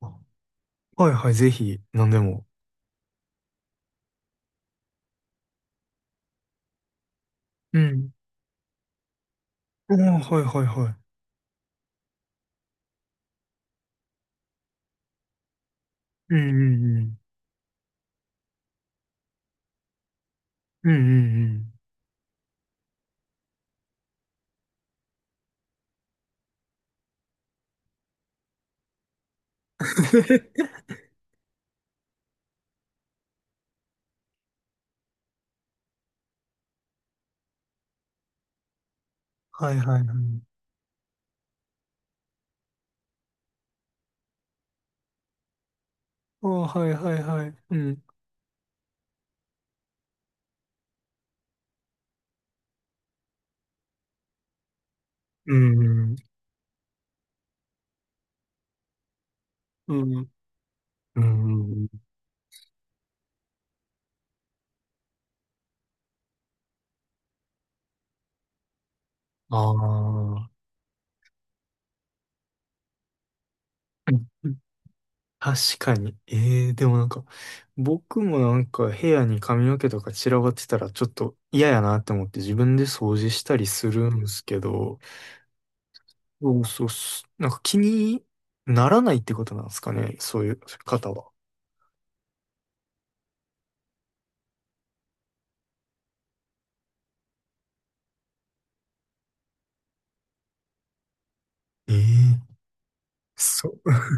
あ、はいはい、ぜひ、何でも。うん。あ、はいはいはい。うんうんうん。うんうんうん。はいはいはい。あ、はいはいはい。うん。うんうん。うん。うん、ああー。確かに。ええー、でもなんか、僕もなんか部屋に髪の毛とか散らばってたらちょっと嫌やなって思って自分で掃除したりするんですけど、そうそうっす、なんか気にならないってことなんですかね、そういう方は。ええ、そう。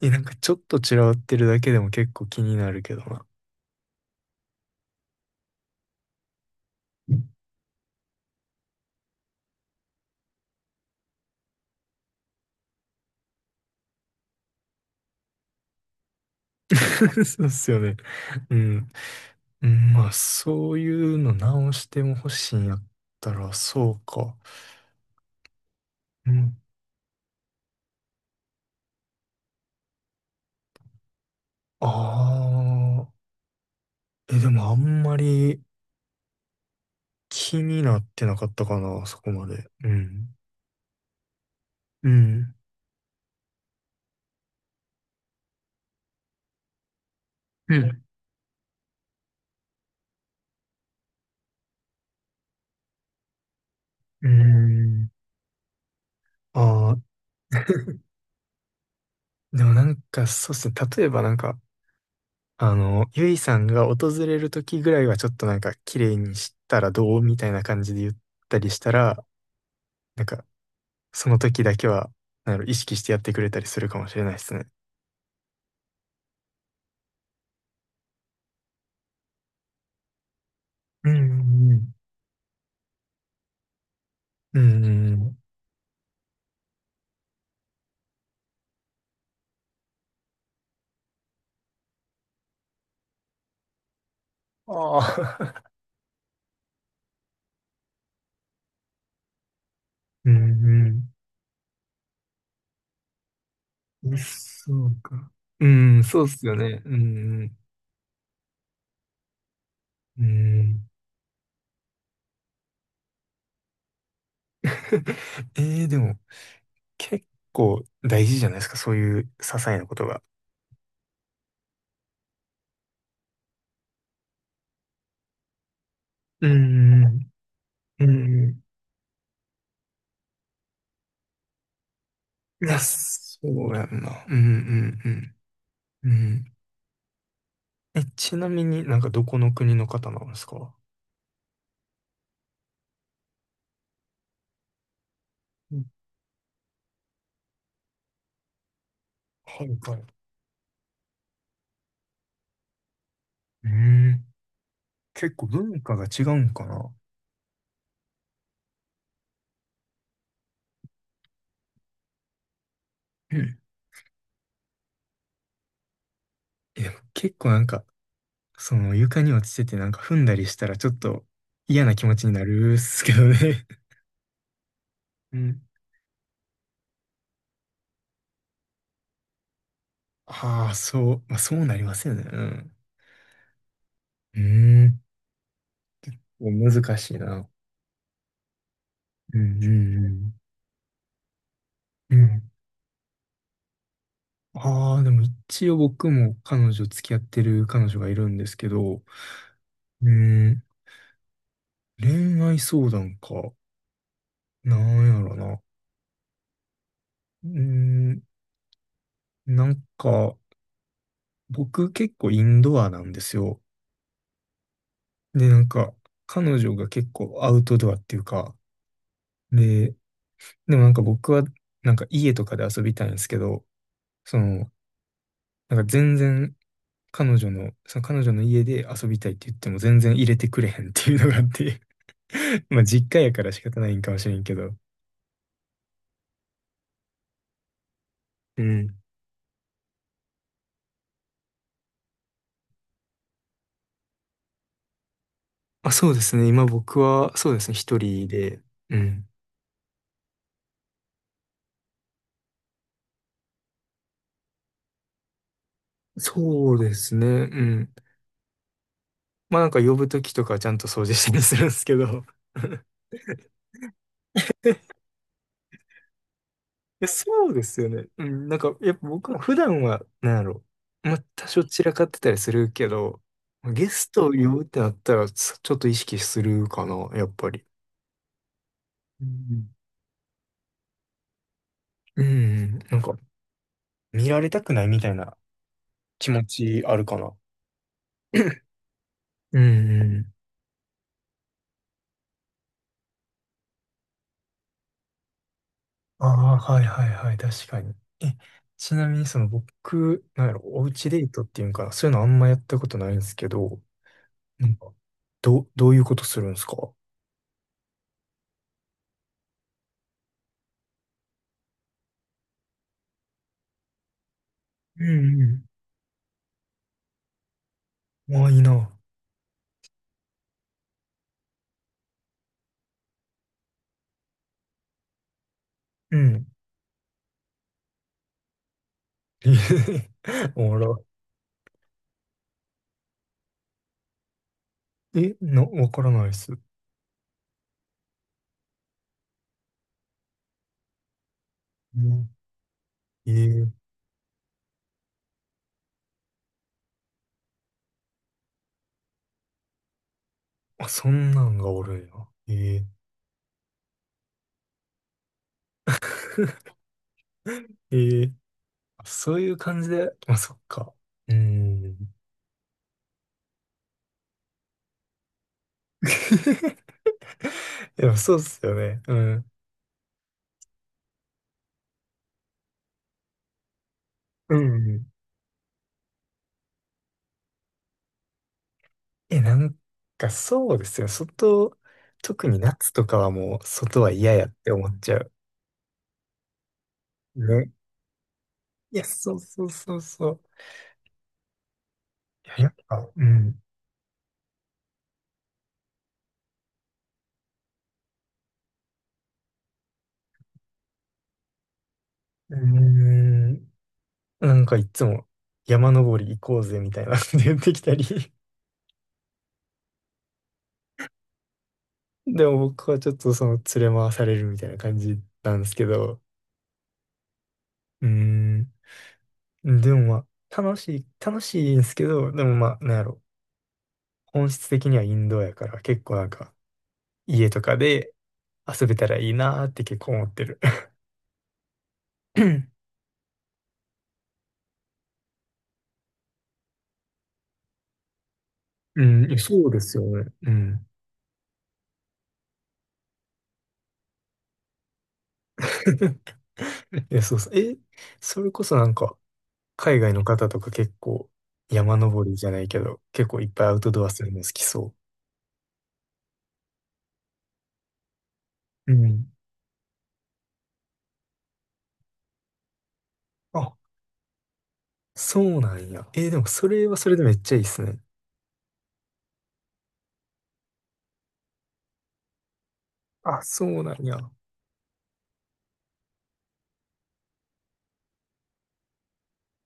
え、なんかちょっと散らばってるだけでも結構気になるけどな。そうっすよね。うん。うん、まあ、そういうの直しても欲しいんやったら、そうか。うん。ああ。え、でもあんまり気になってなかったかな、そこまで。うん。うん。うん。うん。ああ。でもなんか、そうっすね。例えばなんか、ゆいさんが訪れる時ぐらいはちょっとなんか綺麗にしたらどうみたいな感じで言ったりしたら、なんかその時だけは、なんやろ、意識してやってくれたりするかもしれないですね。うんうんうん。うんうん、ああ、うん。うんうん。そうか。うん、そうっすよね。うんうん。うん。えー、でも結構大事じゃないですか、そういう些細なことが。うんうん。うんうん、いや、そうやんな。うんうんうん。うん。え、ちなみになんかどこの国の方なんですか？うん、はいはい。うん。結構文化が違うんかな？うん。いや、結構なんか、その床に落ちててなんか踏んだりしたらちょっと嫌な気持ちになるっすけどね。うん。ああ、そう、まあ、そうなりますよね。うん。うーん。難しいな。うんうんうん。うん、ああ、でも一応僕も彼女、付き合ってる彼女がいるんですけど、うーん、恋愛相談か。なんやろな。うーん、なんか、僕結構インドアなんですよ。で、なんか、彼女が結構アウトドアっていうか、で、でもなんか僕は、なんか家とかで遊びたいんですけど、その、なんか全然彼女の、その彼女の家で遊びたいって言っても全然入れてくれへんっていうのがあって。 まあ実家やから仕方ないんかもしれんけど。うん。あ、そうですね。今僕は、そうですね。一人で。うん。そうですね。うん。まあなんか呼ぶときとかちゃんと掃除したりするんですけど。え、いや、そうですよね。うん。なんか、やっぱ僕は普段は、なんやろ、まあ多少散らかってたりするけど、ゲストを呼ぶってなったら、ちょっと意識するかな、やっぱり。うんうん。なんか、見られたくないみたいな気持ちあるかな。うん。ああ、はいはいはい、確かに。え、ちなみにその僕、なんやろ、おうちデートっていうんかな、そういうのあんまやったことないんですけど、なんか、どういうことするんですか？うんうん。ああ、いいな。うん。えへへ、おもろ。え、わからないっす。うん、ええ、あ、そんなんがおるんや。ええ。 ええ、あ、そういう感じで、まあ、そっか。うーん。でもそうっすよね。うん。うん。え、なんかそうですよ。外、特に夏とかはもう外は嫌やって思っちゃう。ね。いや、そうそうそうそう。いや、やっぱ、うん。うーん。なんかいつも山登り行こうぜみたいなこと言ってきたり。でも僕はちょっとその連れ回されるみたいな感じなんですけど。うーん。でもまあ、楽しい、楽しいんですけど、でもまあ、なんやろ。本質的にはインドアやから、結構なんか、家とかで遊べたらいいなーって結構思ってる。うん、そうですよね。うん。いや、そうそう。え、それこそなんか、海外の方とか結構、山登りじゃないけど、結構いっぱいアウトドアするの好きそう。うん。あ、そうなんや。え、でもそれはそれでめっちゃいいっすね。あ、そうなんや。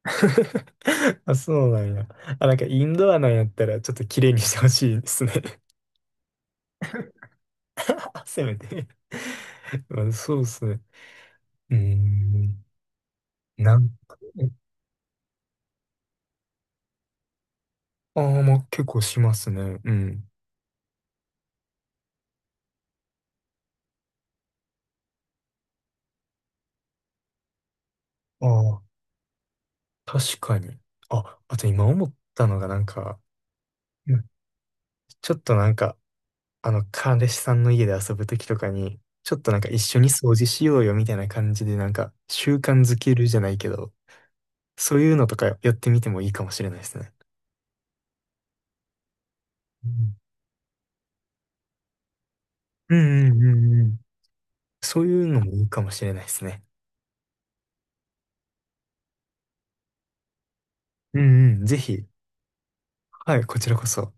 あ、そうなんや。あ、なんかインドアなんやったらちょっと綺麗にしてほしいですね。せめて。 まあ、そうですね。うーん。なんか、ああ、まあ結構しますね。うん。ああ、確かに。あ、あと今思ったのがなんか、うん、ちょっとなんか、彼氏さんの家で遊ぶときとかに、ちょっとなんか一緒に掃除しようよみたいな感じでなんか習慣づけるじゃないけど、そういうのとかやってみてもいいかもしれないですね。うんうんうんうん。そういうのもいいかもしれないですね。うんうん。ぜひ。はい、こちらこそ。